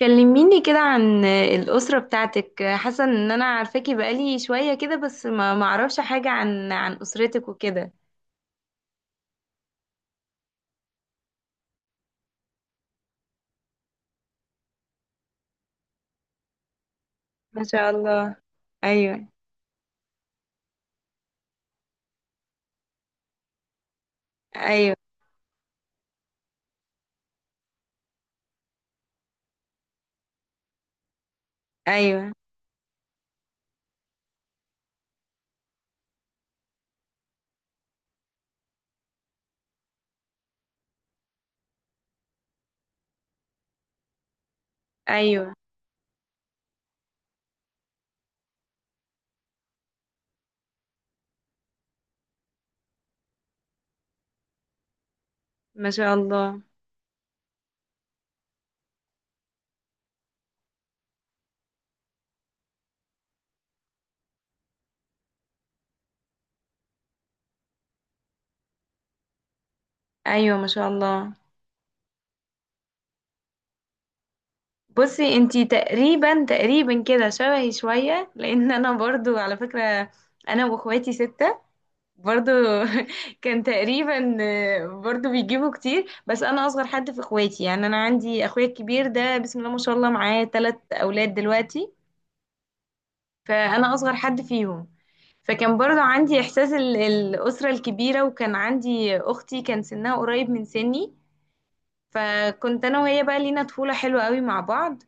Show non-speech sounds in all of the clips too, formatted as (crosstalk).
كلميني كده عن الأسرة بتاعتك. حاسة ان انا عارفاكي بقالي شوية كده، بس ما اعرفش حاجة عن أسرتك وكده. ما شاء الله. ايوه. ايوه. ايوه. ايوه. ما شاء الله. ايوه. ما شاء الله. بصي انتي تقريبا تقريبا كده شبهي شوية، لان انا برضو على فكرة انا واخواتي ستة برضو. (laughs) كان تقريبا، برضو بيجيبوا كتير، بس انا اصغر حد في اخواتي. يعني انا عندي اخويا الكبير ده، بسم الله ما شاء الله، معاه ثلاث اولاد دلوقتي. فانا اصغر حد فيهم. فكان برضو عندي احساس الاسره الكبيره، وكان عندي اختي كان سنها قريب من سني، فكنت انا وهي بقى لينا طفوله حلوه قوي مع بعض.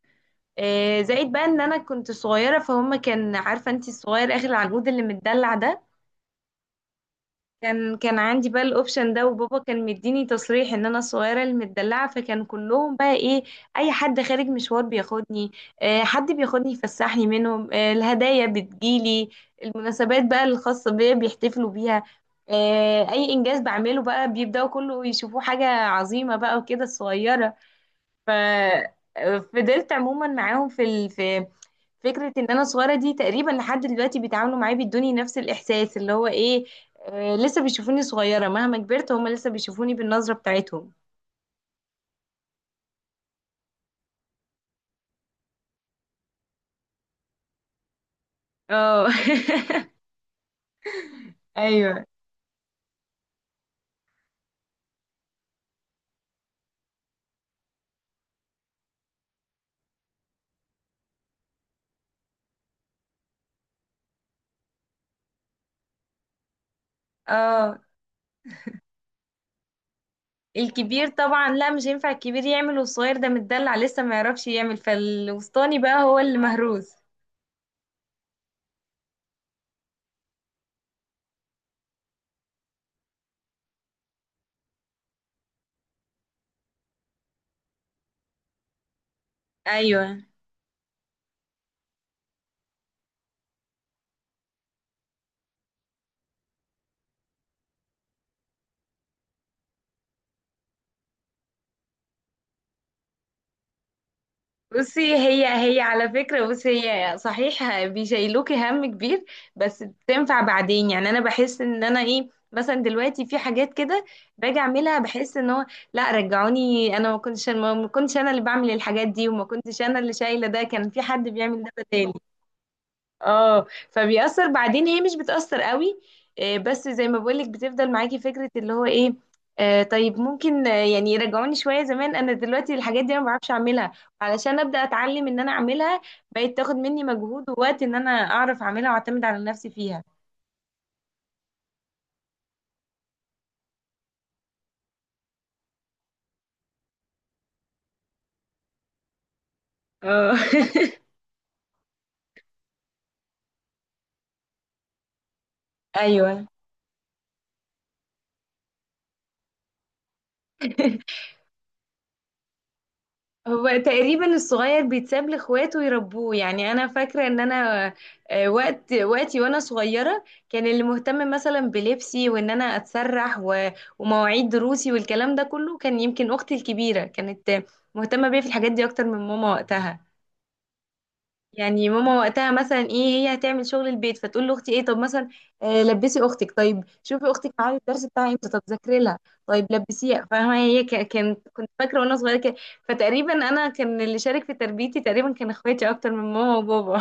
زائد بقى ان انا كنت صغيره، فهم كان عارفه، انت الصغير اخر العنقود اللي متدلع ده. كان عندي بقى الاوبشن ده، وبابا كان مديني تصريح ان انا الصغيره المدلعه، فكان كلهم بقى ايه، اي حد خارج مشوار بياخدني، حد بياخدني يفسحني منهم، الهدايا بتجيلي، المناسبات بقى الخاصه بيا بيحتفلوا بيها، اي انجاز بعمله بقى بيبداوا كله يشوفوه حاجه عظيمه بقى وكده الصغيره. ففضلت عموما معاهم في فكرة ان انا صغيرة دي تقريبا لحد دلوقتي. بيتعاملوا معايا بيدوني نفس الاحساس اللي هو ايه، لسه بيشوفوني صغيرة مهما كبرت، هما لسه بيشوفوني بالنظرة بتاعتهم. اه. (laughs) ايوه. اه. الكبير طبعا لا، مش هينفع الكبير يعمل والصغير ده متدلع لسه ما يعرفش يعمل، فالوسطاني بقى هو اللي مهروس. ايوه. بصي هي على فكرة، بصي هي صحيح بيشيلوكي هم كبير، بس بتنفع بعدين. يعني انا بحس ان انا ايه، مثلا دلوقتي في حاجات كده باجي اعملها بحس ان هو لا، رجعوني، انا ما كنتش، ما كنتش انا اللي بعمل الحاجات دي، وما كنتش انا اللي شايلة ده، كان في حد بيعمل ده بدالي. اه، فبيأثر بعدين، هي مش بتأثر قوي، بس زي ما بقولك بتفضل معاكي فكرة اللي هو ايه، طيب ممكن، يعني يرجعوني شوية زمان، انا دلوقتي الحاجات دي انا ما بعرفش اعملها، علشان ابدأ اتعلم ان انا اعملها بقت تاخد مني مجهود ووقت ان انا اعرف اعملها واعتمد على نفسي فيها. اه. (laughs) ايوه. هو تقريبا الصغير بيتساب لاخواته يربوه. يعني انا فاكره ان انا، وقتي وانا صغيره كان اللي مهتم مثلا بلبسي وان انا اتسرح ومواعيد دروسي والكلام ده كله، كان يمكن اختي الكبيره كانت مهتمه بيا في الحاجات دي اكتر من ماما وقتها. يعني ماما وقتها مثلا ايه، هي هتعمل شغل البيت، فتقول لاختي ايه، طب مثلا لبسي اختك، طيب شوفي اختك معايا الدرس بتاعها امتى، طب ذاكري لها، طيب لبسيها، فاهمه؟ هي ك- كانت كنت فاكره وانا صغيره كده. فتقريبا انا كان اللي شارك في تربيتي تقريبا كان اخواتي اكتر من ماما وبابا.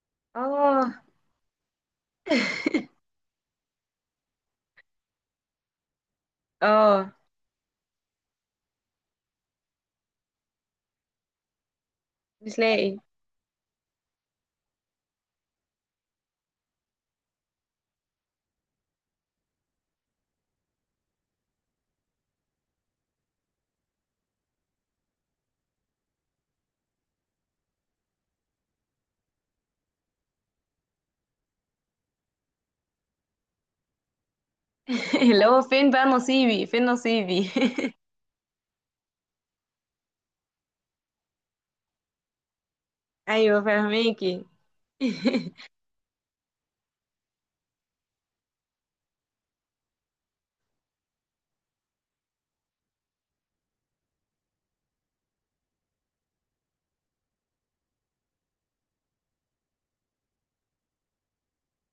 (laughs) اه. اه مش لاقي. (laughs) اللي هو فين بقى نصيبي، فين نصيبي. (laughs) ايوه فاهميكي. (laughs)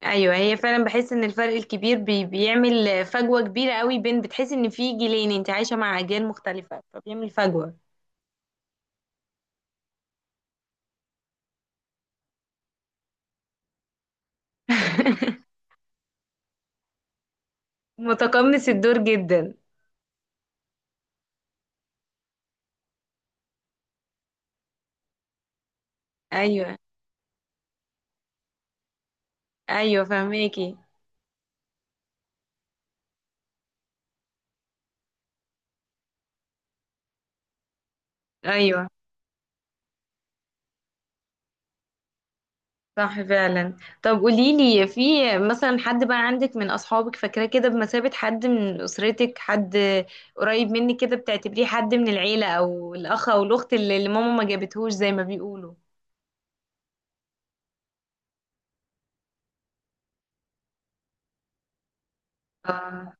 ايوه، هي فعلا بحس ان الفرق الكبير بيعمل فجوه كبيره قوي، بين بتحس ان في جيلين انت عايشه مع اجيال مختلفه فبيعمل فجوه. (laughs) متقمص الدور جدا. ايوه. ايوه فهماكي. ايوه. صح فعلا. طب قولي لي، في مثلا حد بقى عندك من اصحابك فاكراه كده بمثابه حد من اسرتك، حد قريب منك كده بتعتبريه حد من العيله، او الاخ او الاخت اللي ماما ما جابتهوش زي ما بيقولوا؟ اه.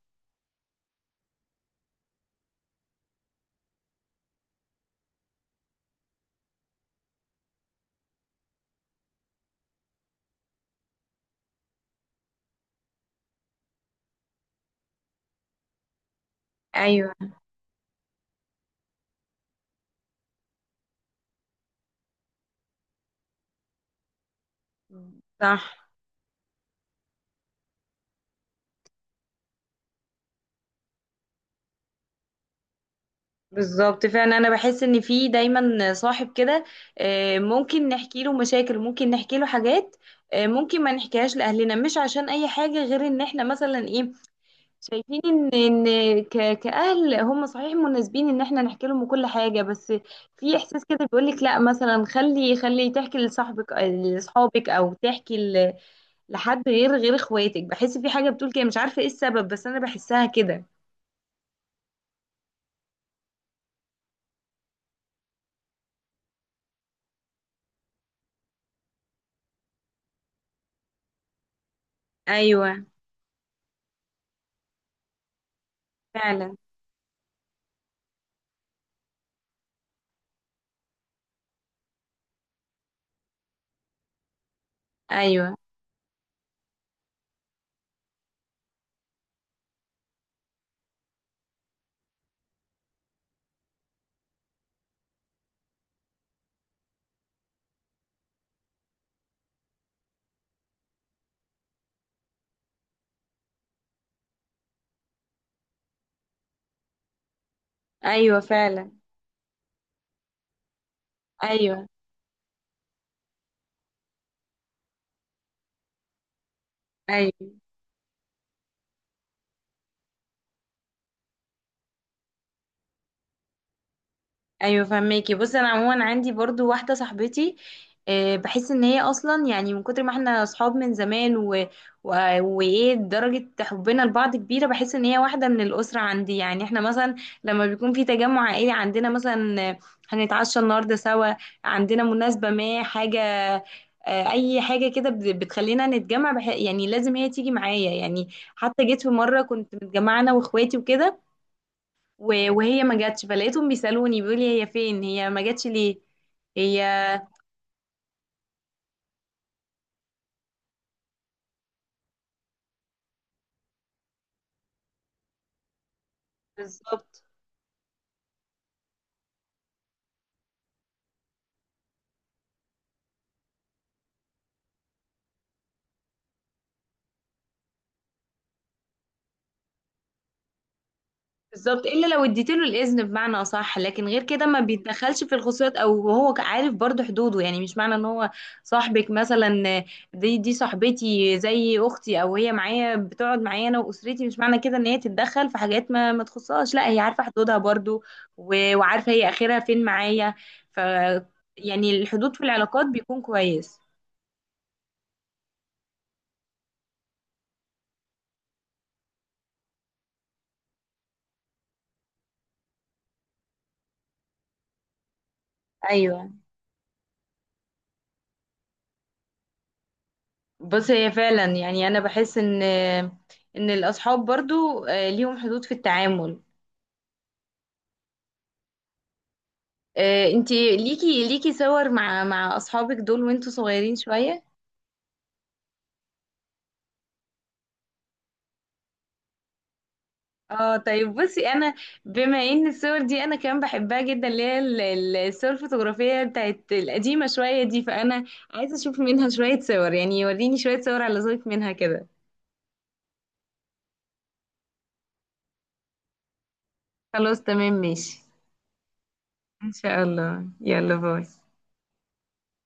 ايوه صح. بالظبط فعلا، انا بحس ان في دايما صاحب كده، ممكن نحكي له مشاكل، ممكن نحكي له حاجات، ممكن ما نحكيهاش لاهلنا، مش عشان اي حاجه، غير ان احنا مثلا ايه، شايفين ان كاهل هم صحيح مناسبين ان احنا نحكي لهم كل حاجه، بس في احساس كده بيقول لك لا، مثلا خلي خلي تحكي لصاحبك، لاصحابك، او تحكي لحد غير اخواتك. بحس في حاجه بتقول كده، مش عارفه ايه السبب بس انا بحسها كده. ايوه فعلا. ايوه. ايوه فعلا. ايوه. ايوه. ايوه فهماكي. بص انا عموما عندي برضو واحده صاحبتي، بحس ان هي اصلا يعني من كتر ما احنا اصحاب من زمان و... وايه درجه حبنا لبعض كبيره، بحس ان هي واحده من الاسره عندي. يعني احنا مثلا لما بيكون في تجمع عائلي عندنا مثلا، هنتعشى النهارده سوا، عندنا مناسبه ما، حاجه، اي حاجه كده بتخلينا نتجمع يعني لازم هي تيجي معايا. يعني حتى جيت في مره كنت متجمعه انا واخواتي وكده، وهي ما جاتش، فلقيتهم بيسالوني بيقول لي هي فين، هي ما جاتش ليه، هي. بالظبط. بالظبط، الا لو اديت له الاذن بمعنى اصح، لكن غير كده ما بيتدخلش في الخصوصيات، او هو عارف برضو حدوده. يعني مش معنى ان هو صاحبك مثلا، دي صاحبتي زي اختي، او هي معايا بتقعد معايا انا واسرتي، مش معنى كده ان هي تتدخل في حاجات ما تخصهاش، لا هي عارفه حدودها برضو، وعارفه هي اخرها فين معايا. ف يعني الحدود في العلاقات بيكون كويس. ايوه. بص هي فعلا، يعني انا بحس ان ان الاصحاب برضو ليهم حدود في التعامل. انتي ليكي صور مع اصحابك دول وانتوا صغيرين شوية؟ اه طيب بصي انا، بما ان الصور دي انا كمان بحبها جدا، اللي هي الصور الفوتوغرافية بتاعت القديمة شوية دي، فانا عايزة اشوف منها (laughs) شوية صور يعني، وريني شوية صور على ذوقك منها كده. خلاص تمام ماشي. ان شاء الله، يلا باي.